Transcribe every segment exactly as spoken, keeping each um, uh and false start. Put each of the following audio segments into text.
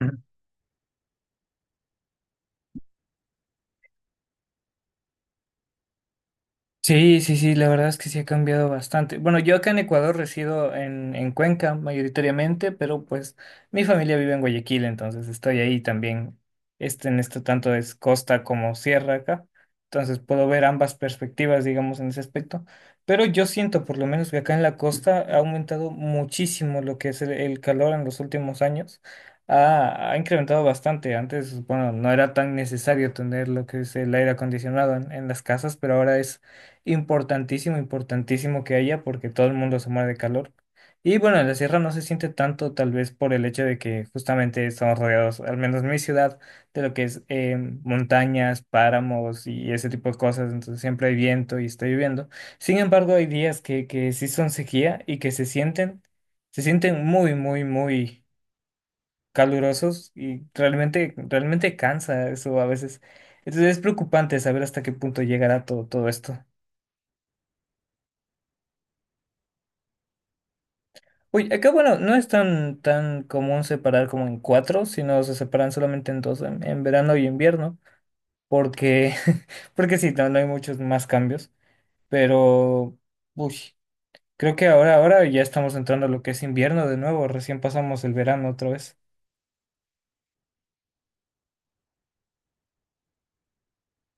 Ujú. Sí, sí, sí, la verdad es que sí ha cambiado bastante. Bueno, yo acá en Ecuador resido en, en Cuenca mayoritariamente, pero pues mi familia vive en Guayaquil, entonces estoy ahí también. Este, en esto tanto es costa como sierra acá. Entonces puedo ver ambas perspectivas, digamos, en ese aspecto. Pero yo siento por lo menos que acá en la costa ha aumentado muchísimo lo que es el, el calor en los últimos años. Ha, ha incrementado bastante. Antes, bueno, no era tan necesario tener lo que es el aire acondicionado en en las casas, pero ahora es importantísimo, importantísimo que haya porque todo el mundo se muere de calor. Y bueno, en la sierra no se siente tanto tal vez por el hecho de que justamente estamos rodeados, al menos en mi ciudad, de lo que es eh, montañas, páramos y ese tipo de cosas. Entonces siempre hay viento y está lloviendo. Sin embargo, hay días que, que sí son sequía y que se sienten, se sienten muy, muy, muy calurosos y realmente, realmente cansa eso a veces. Entonces es preocupante saber hasta qué punto llegará todo, todo esto. Uy, acá bueno, no es tan, tan común separar como en cuatro, sino se separan solamente en dos, en, en verano y invierno, porque, porque sí, no, no hay muchos más cambios, pero uy, creo que ahora, ahora ya estamos entrando a lo que es invierno de nuevo, recién pasamos el verano otra vez.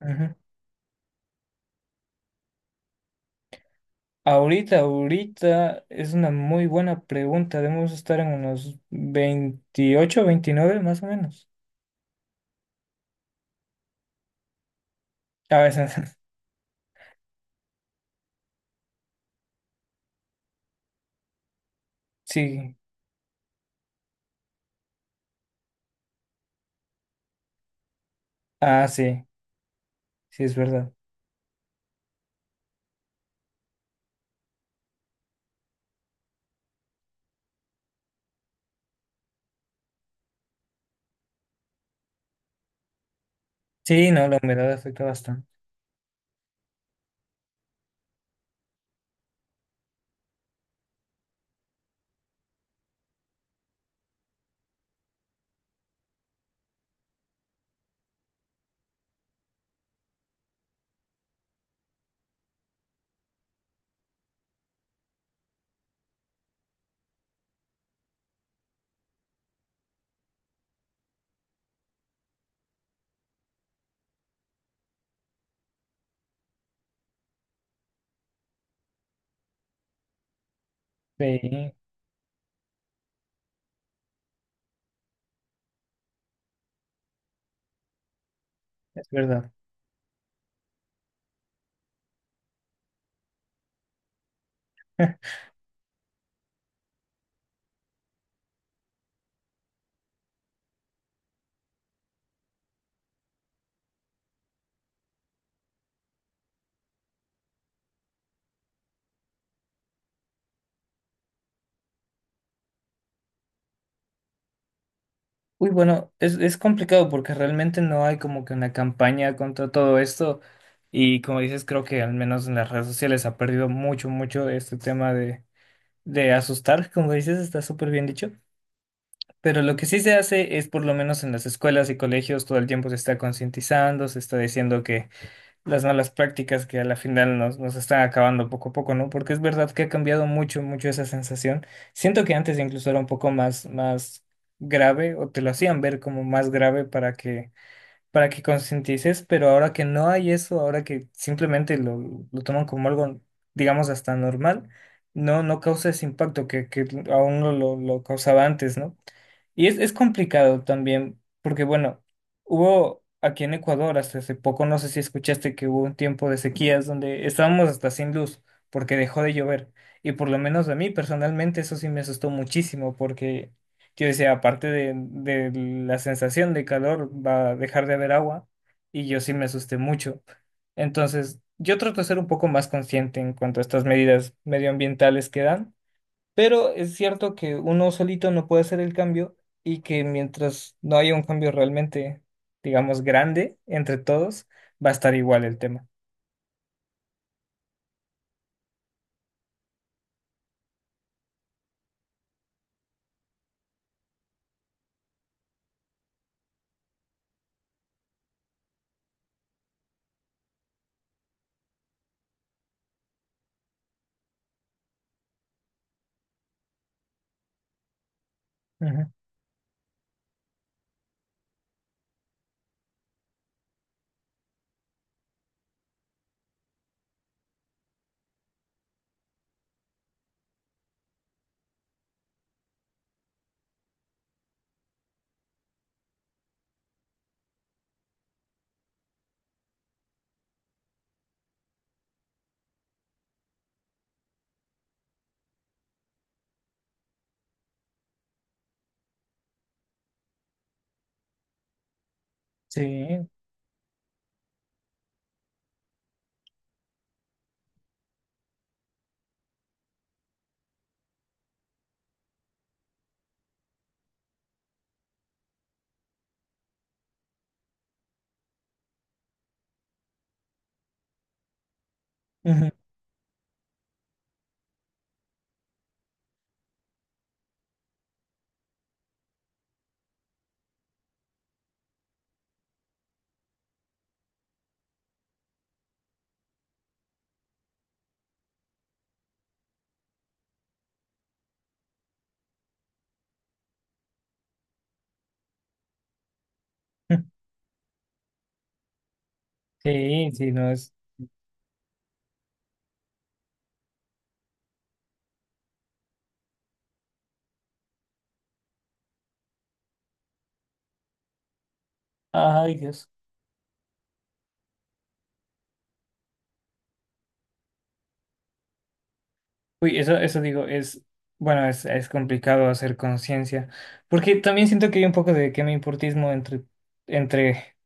Ujú. Ahorita, ahorita es una muy buena pregunta, debemos estar en unos veintiocho, veintinueve más o menos. A veces, sí, ah, sí, sí es verdad. Sí, no, la humedad afecta bastante. Sí, es verdad. Uy, bueno, es, es complicado porque realmente no hay como que una campaña contra todo esto y como dices, creo que al menos en las redes sociales ha perdido mucho, mucho este tema de, de asustar, como dices, está súper bien dicho, pero lo que sí se hace es por lo menos en las escuelas y colegios todo el tiempo se está concientizando, se está diciendo que las malas prácticas que a la final nos, nos están acabando poco a poco, ¿no? Porque es verdad que ha cambiado mucho, mucho esa sensación. Siento que antes incluso era un poco más, más grave o te lo hacían ver como más grave para que, para que concientices, pero ahora que no hay eso, ahora que simplemente lo, lo toman como algo, digamos, hasta normal, no, no causa ese impacto que, que aún lo, lo lo causaba antes, ¿no? Y es, es complicado también, porque bueno, hubo aquí en Ecuador hasta hace poco, no sé si escuchaste que hubo un tiempo de sequías donde estábamos hasta sin luz porque dejó de llover. Y por lo menos a mí personalmente eso sí me asustó muchísimo porque yo decía, aparte de, de la sensación de calor, va a dejar de haber agua y yo sí me asusté mucho. Entonces, yo trato de ser un poco más consciente en cuanto a estas medidas medioambientales que dan, pero es cierto que uno solito no puede hacer el cambio y que mientras no haya un cambio realmente, digamos, grande entre todos, va a estar igual el tema. Ujú. Sí, ujú. Sí, sí, no es. Ay, Dios. Uy, eso, eso digo, es, bueno, es, es complicado hacer conciencia, porque también siento que hay un poco de que me importismo entre, entre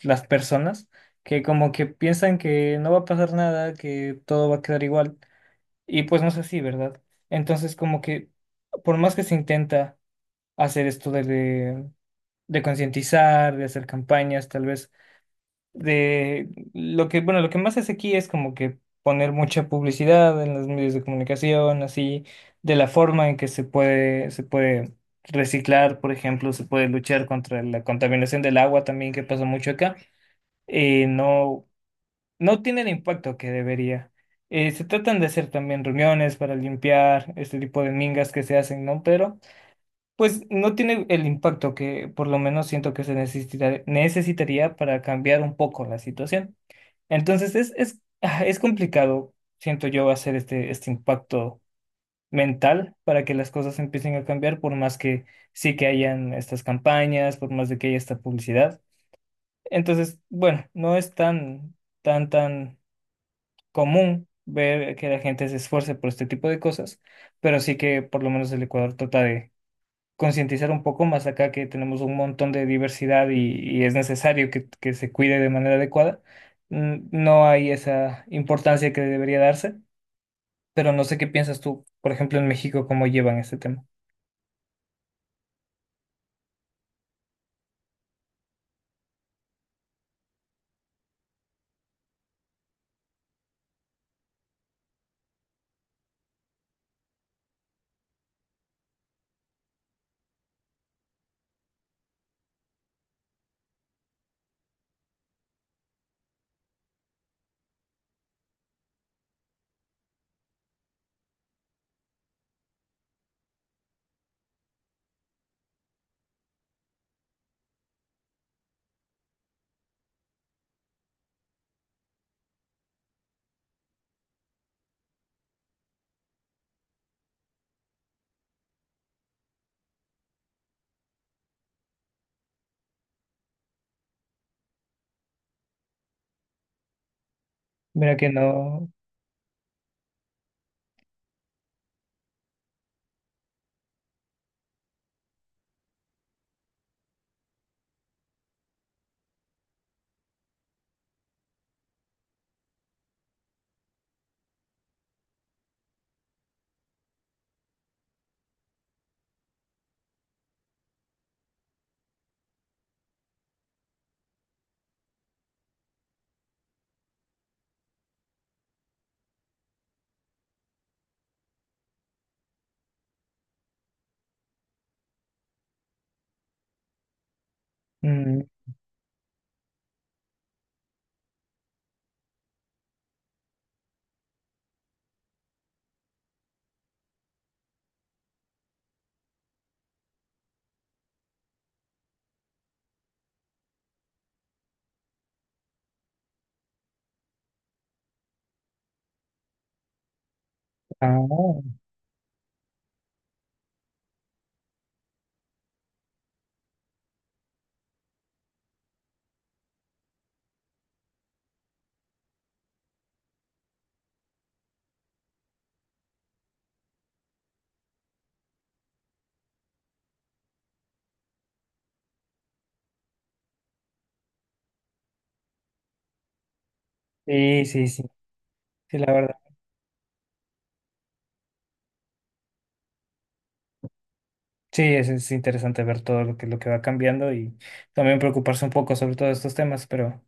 las personas, que como que piensan que no va a pasar nada, que todo va a quedar igual. Y pues no es así, ¿verdad? Entonces, como que por más que se intenta hacer esto de, de, de concientizar, de hacer campañas, tal vez, de lo que, bueno, lo que más hace aquí es como que poner mucha publicidad en los medios de comunicación, así, de la forma en que se puede, se puede reciclar, por ejemplo, se puede luchar contra la contaminación del agua también, que pasa mucho acá. Eh, no no tiene el impacto que debería. Eh, se tratan de hacer también reuniones para limpiar este tipo de mingas que se hacen, ¿no? Pero pues no tiene el impacto que por lo menos siento que se necesitar- necesitaría para cambiar un poco la situación. Entonces es, es, ah, es complicado, siento yo, hacer este, este impacto mental para que las cosas empiecen a cambiar, por más que sí que hayan estas campañas, por más de que haya esta publicidad. Entonces, bueno, no es tan, tan, tan común ver que la gente se esfuerce por este tipo de cosas, pero sí que por lo menos el Ecuador trata de concientizar un poco más acá que tenemos un montón de diversidad y, y es necesario que, que se cuide de manera adecuada. Mm, no hay esa importancia que debería darse, pero no sé qué piensas tú, por ejemplo, en México, cómo llevan este tema. Mira que no. Mm, ah, sí, sí, sí, sí, la verdad. Sí, es, es interesante ver todo lo que, lo que va cambiando y también preocuparse un poco sobre todos estos temas, pero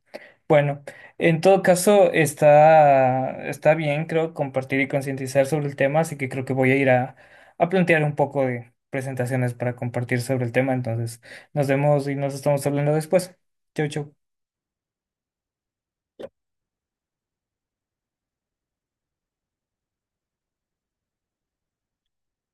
bueno, en todo caso está, está bien, creo, compartir y concientizar sobre el tema, así que creo que voy a ir a, a plantear un poco de presentaciones para compartir sobre el tema, entonces nos vemos y nos estamos hablando después. Chau, chau.